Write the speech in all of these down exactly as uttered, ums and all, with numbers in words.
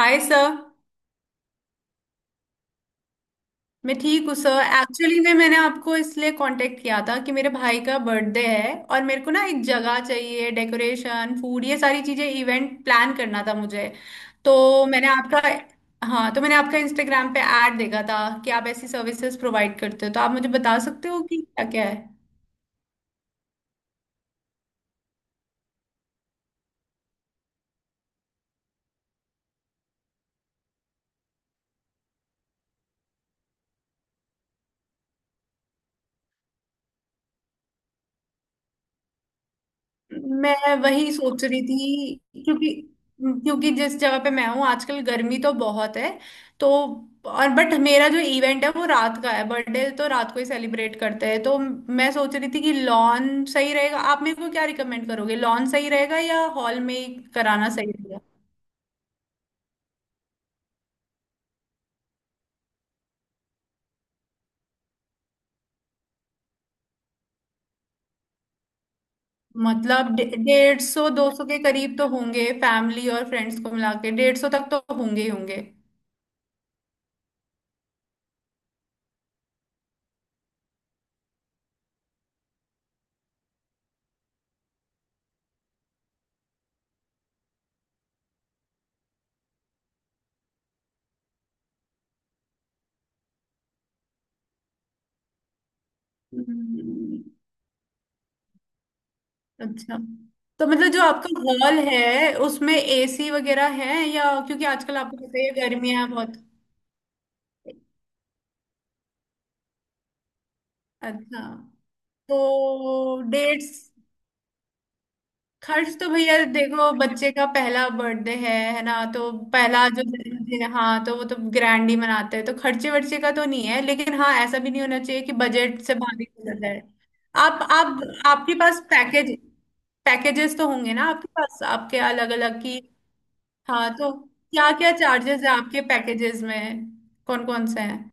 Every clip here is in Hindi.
हाय सर। मैं ठीक हूँ सर। एक्चुअली में मैंने आपको इसलिए कांटेक्ट किया था कि मेरे भाई का बर्थडे है और मेरे को ना एक जगह चाहिए, डेकोरेशन, फूड, ये सारी चीज़ें। इवेंट प्लान करना था मुझे। तो मैंने आपका हाँ तो मैंने आपका इंस्टाग्राम पे ऐड देखा था कि आप ऐसी सर्विसेज प्रोवाइड करते हो। तो आप मुझे बता सकते हो कि क्या क्या है। मैं वही सोच रही थी। क्योंकि क्योंकि जिस जगह पे मैं हूँ आजकल गर्मी तो बहुत है। तो और बट मेरा जो इवेंट है वो रात का है। बर्थडे तो रात को ही सेलिब्रेट करते हैं। तो मैं सोच रही थी कि लॉन सही रहेगा। आप मेरे को क्या रिकमेंड करोगे, लॉन सही रहेगा या हॉल में ही कराना सही रहेगा? मतलब डे- डेढ़ सौ दो सौ के करीब तो होंगे। फैमिली और फ्रेंड्स को मिला के डेढ़ सौ तक तो होंगे ही होंगे। अच्छा, तो मतलब जो आपका हॉल है उसमें एसी वगैरह है? या क्योंकि आजकल आपको पता ही है गर्मियां बहुत। अच्छा तो डेट्स। खर्च तो भैया देखो बच्चे का पहला बर्थडे है है ना? तो पहला जो जन्मदिन है, हाँ, तो वो तो ग्रैंड ही मनाते हैं। तो खर्चे वर्चे का तो नहीं है, लेकिन हाँ ऐसा भी नहीं होना चाहिए कि बजट से बाहर ही चला जाए। आप आप आपके पास पैकेज, पैकेजेस तो होंगे ना आपके पास, आपके अलग अलग की? हाँ तो क्या क्या चार्जेस है आपके पैकेजेस में, कौन कौन से हैं?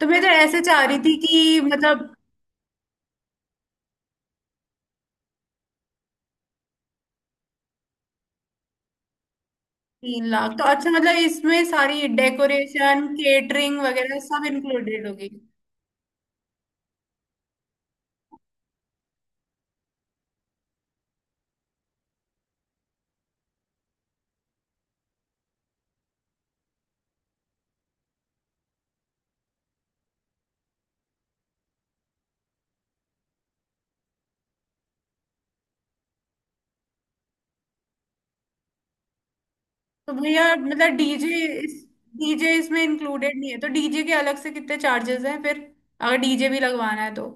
तो मैं तो ऐसे चाह रही थी कि मतलब। तीन लाख? तो अच्छा, मतलब इसमें सारी डेकोरेशन केटरिंग वगैरह सब इंक्लूडेड होगी? तो भैया मतलब डीजे, इस डीजे इसमें इंक्लूडेड नहीं है तो डीजे के अलग से कितने चार्जेस हैं फिर, अगर डीजे भी लगवाना है तो?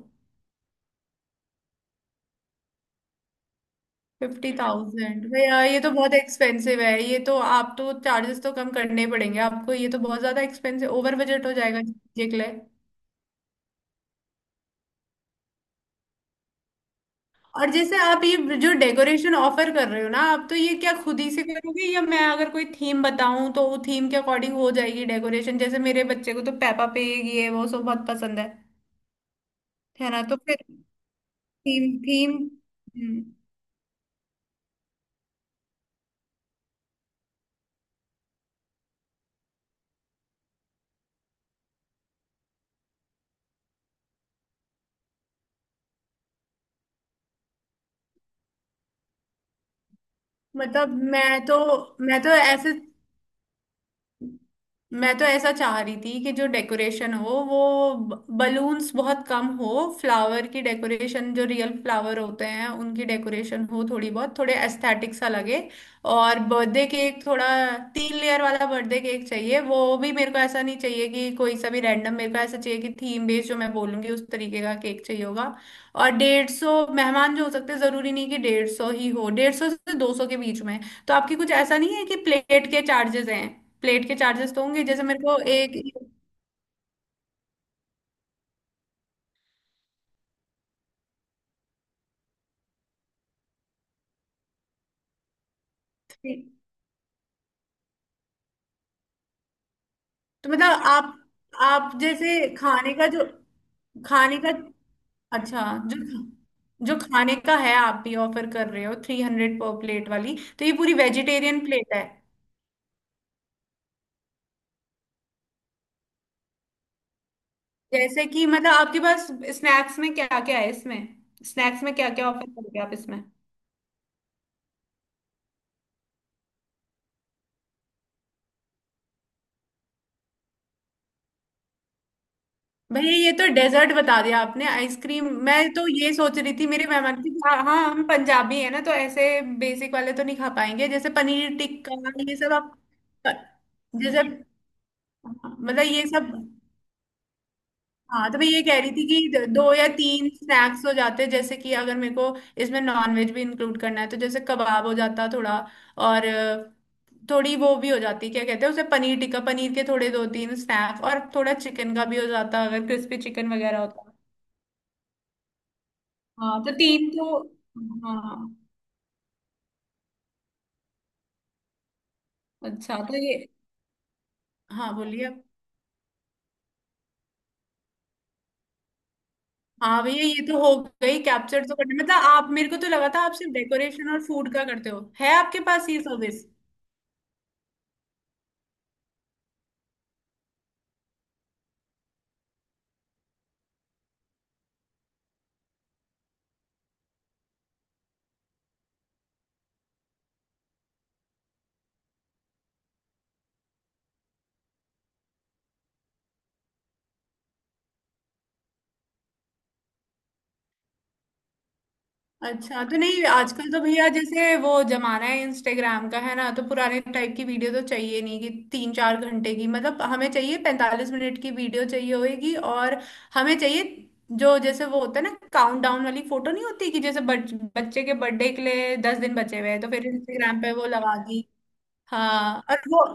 Fifty thousand? भैया ये तो बहुत एक्सपेंसिव है। ये तो आप तो चार्जेस तो कम करने ही पड़ेंगे आपको। ये तो बहुत ज्यादा एक्सपेंसिव ओवर बजट हो जाएगा डीजे के लिए। और जैसे आप ये जो डेकोरेशन ऑफर कर रहे हो ना आप, तो ये क्या खुद ही से करोगे, या मैं अगर कोई थीम बताऊं तो वो थीम के अकॉर्डिंग हो जाएगी डेकोरेशन? जैसे मेरे बच्चे को तो पेपा पिग ये वो सब बहुत पसंद है है ना? तो फिर थीम, थीम मतलब मैं तो मैं तो ऐसे मैं तो ऐसा चाह रही थी कि जो डेकोरेशन हो वो बलून्स बहुत कम हो, फ्लावर की डेकोरेशन, जो रियल फ्लावर होते हैं उनकी डेकोरेशन हो थोड़ी बहुत, थोड़े एस्थेटिक सा लगे। और बर्थडे केक थोड़ा, तीन लेयर वाला बर्थडे केक चाहिए। वो भी मेरे को ऐसा नहीं चाहिए कि कोई सा भी रैंडम। मेरे को ऐसा चाहिए कि थीम बेस्ड, जो मैं बोलूंगी उस तरीके का केक चाहिए होगा। और डेढ़ सौ मेहमान जो हो सकते हैं, जरूरी नहीं कि डेढ़ सौ ही हो, डेढ़ सौ से दो सौ के बीच में। तो आपकी कुछ ऐसा नहीं है कि प्लेट के चार्जेस हैं? प्लेट के चार्जेस तो होंगे, जैसे मेरे को एक। तो मतलब आप आप जैसे खाने का जो, खाने का अच्छा, जो जो खाने का है आप भी ऑफर कर रहे हो थ्री हंड्रेड पर प्लेट वाली, तो ये पूरी वेजिटेरियन प्लेट है? जैसे कि मतलब आपके पास स्नैक्स में क्या क्या है इसमें, स्नैक्स में क्या क्या ऑफर करोगे आप इसमें? भैया ये तो डेजर्ट बता दिया आपने, आइसक्रीम। मैं तो ये सोच रही थी मेरे मेहमान की। हाँ हाँ, हम पंजाबी है ना, तो ऐसे बेसिक वाले तो नहीं खा पाएंगे। जैसे पनीर टिक्का ये सब आप, जैसे मतलब ये सब। हाँ तो मैं ये कह रही थी कि द- दो या तीन स्नैक्स हो जाते, जैसे कि अगर मेरे को इसमें नॉनवेज भी इंक्लूड करना है तो जैसे कबाब हो जाता थोड़ा, और अ, थोड़ी वो भी हो जाती, क्या कहते हैं उसे, पनीर टिक्का, पनीर के थोड़े दो तीन स्नैक्स, और थोड़ा चिकन का भी हो जाता अगर क्रिस्पी चिकन वगैरह होता। हाँ तो तीन तो। हाँ। अच्छा तो ये। हाँ बोलिए आप। हाँ भैया ये तो हो गई कैप्चर तो करने, मतलब आप, मेरे को तो लगा था आप सिर्फ डेकोरेशन और फूड का करते हो। है आपके पास ये सर्विस? अच्छा तो नहीं, आजकल तो भैया जैसे वो जमाना है इंस्टाग्राम का है ना, तो पुराने टाइप की वीडियो तो चाहिए नहीं कि तीन चार घंटे की, मतलब हमें चाहिए पैंतालीस मिनट की वीडियो चाहिए होगी। और हमें चाहिए जो, जैसे वो होता है ना काउंट डाउन वाली फोटो, नहीं होती कि जैसे बच, बच्चे के बर्थडे के लिए दस दिन बचे हुए हैं, तो फिर इंस्टाग्राम पे वो लगा दी। हाँ और वो।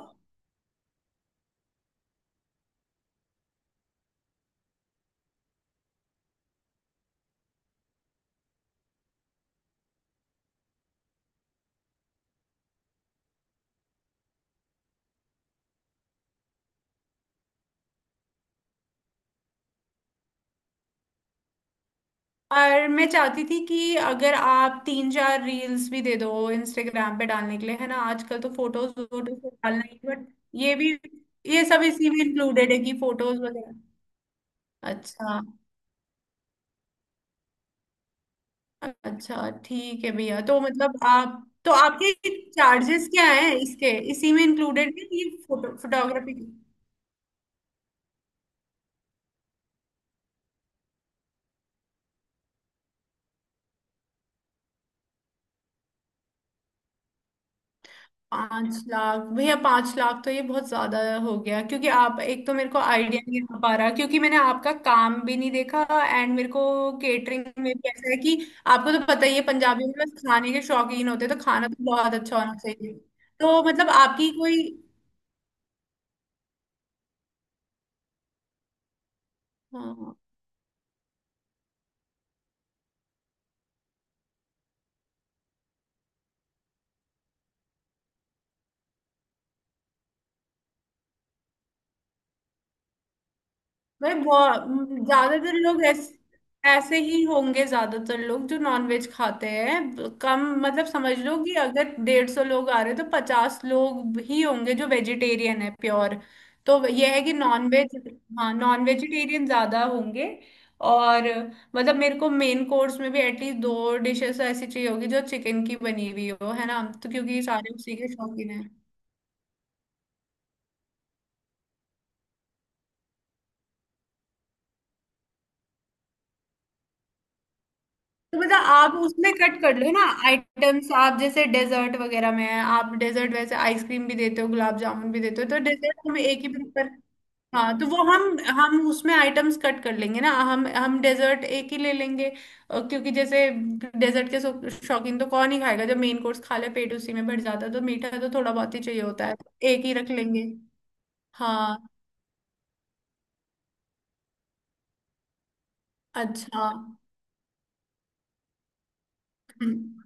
और मैं चाहती थी कि अगर आप तीन चार रील्स भी दे दो इंस्टाग्राम पे डालने के लिए, है ना आजकल तो फोटोज वोटोज तो डालना ही, बट ये भी, ये सब इसी में इंक्लूडेड है कि फोटोज वगैरह? अच्छा। अच्छा ठीक है भैया। तो मतलब आप तो आपके चार्जेस क्या हैं इसके, इसी में इंक्लूडेड है ये फोटो, फोटोग्राफी? पांच लाख? भैया पांच लाख तो ये बहुत ज्यादा हो गया, क्योंकि आप, एक तो मेरे को आइडिया नहीं आ पा रहा क्योंकि मैंने आपका काम भी नहीं देखा। एंड मेरे को केटरिंग में भी ऐसा है कि आपको तो पता ही है पंजाबियों में बस खाने के शौकीन होते हैं, तो खाना तो बहुत अच्छा होना चाहिए। तो मतलब आपकी कोई। हाँ। भाई बहुत, ज्यादातर लोग ऐसे ऐसे ही होंगे, ज्यादातर लोग जो नॉनवेज खाते हैं, कम, मतलब समझ लो कि अगर डेढ़ सौ लोग आ रहे हैं तो पचास लोग ही होंगे जो वेजिटेरियन है प्योर। तो यह है कि नॉनवेज, हाँ नॉन वेजिटेरियन ज्यादा होंगे। और मतलब मेरे को मेन कोर्स में भी एटलीस्ट दो डिशेस ऐसी चाहिए होगी जो चिकन की बनी हुई हो, है ना? तो क्योंकि सारे उसी के शौकीन हैं। तो मतलब आप उसमें कट कर लो ना आइटम्स। आप जैसे डेजर्ट वगैरह में है, आप डेजर्ट वैसे आइसक्रीम भी देते हो गुलाब जामुन भी देते हो, तो डेजर्ट हम एक ही प्रिफर। हाँ तो वो हम, हम उसमें आइटम्स कट कर लेंगे ना। हम हम डेजर्ट एक ही ले लेंगे। अ, क्योंकि जैसे डेजर्ट के शौ- शौकीन तो कौन ही खाएगा, जब मेन कोर्स खा ले पेट उसी में भर जाता है, तो मीठा तो थोड़ा बहुत ही चाहिए होता है। एक ही रख लेंगे। हाँ। अच्छा। हम्म।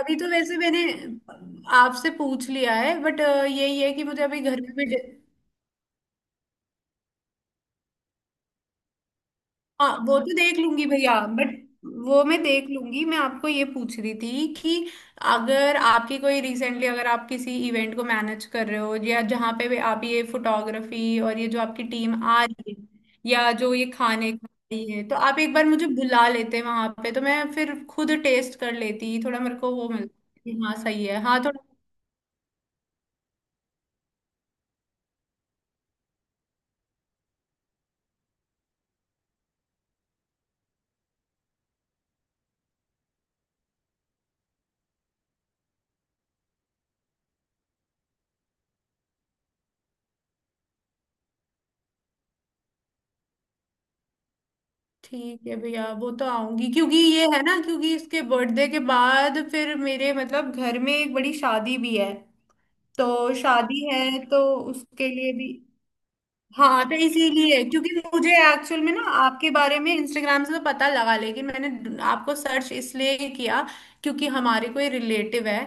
अभी तो वैसे मैंने आपसे पूछ लिया है बट यही है कि मुझे अभी घर में भी। हाँ वो तो देख लूंगी भैया बट, वो मैं देख लूंगी। मैं आपको ये पूछ रही थी कि अगर आपकी कोई रिसेंटली अगर आप किसी इवेंट को मैनेज कर रहे हो, या जहाँ पे भी आप ये फोटोग्राफी और ये जो आपकी टीम आ रही है, या जो ये खाने खा रही है, तो आप एक बार मुझे बुला लेते वहां पे, तो मैं फिर खुद टेस्ट कर लेती थोड़ा। मेरे को वो मिलता कि हाँ सही है, हाँ थोड़ा। ठीक है भैया वो तो आऊंगी, क्योंकि ये है ना, क्योंकि इसके बर्थडे के बाद फिर मेरे मतलब घर में एक बड़ी शादी भी है। तो शादी है तो उसके लिए भी। हाँ तो इसीलिए, क्योंकि मुझे एक्चुअल में ना आपके बारे में इंस्टाग्राम से तो पता लगा, लेकिन मैंने आपको सर्च इसलिए किया क्योंकि हमारे कोई रिलेटिव है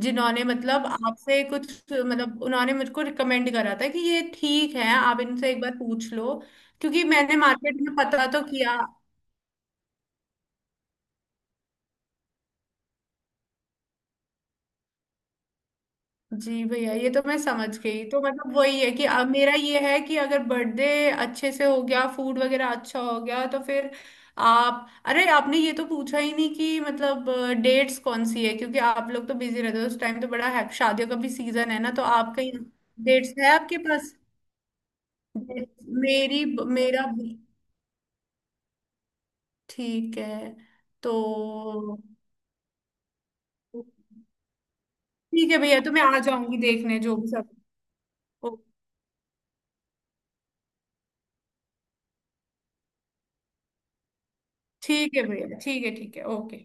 जिन्होंने मतलब आपसे कुछ, मतलब उन्होंने मुझको रिकमेंड करा था कि ये ठीक है आप इनसे एक बार पूछ लो, क्योंकि मैंने मार्केट में पता तो किया। जी भैया ये तो मैं समझ गई। तो मतलब वही है कि अब मेरा ये है कि अगर बर्थडे अच्छे से हो गया फूड वगैरह अच्छा हो गया तो फिर। आप, अरे आपने ये तो पूछा ही नहीं कि मतलब डेट्स कौन सी है, क्योंकि आप लोग तो बिजी रहते हो उस टाइम तो बड़ा है शादियों का भी सीजन है ना, तो आपका डेट्स है आपके पास? Dates- मेरी, मेरा भी। ठीक है तो ठीक है भैया, तो मैं आ जाऊंगी देखने जो भी सब। ओ, ठीक है भैया ठीक है ठीक है ओके।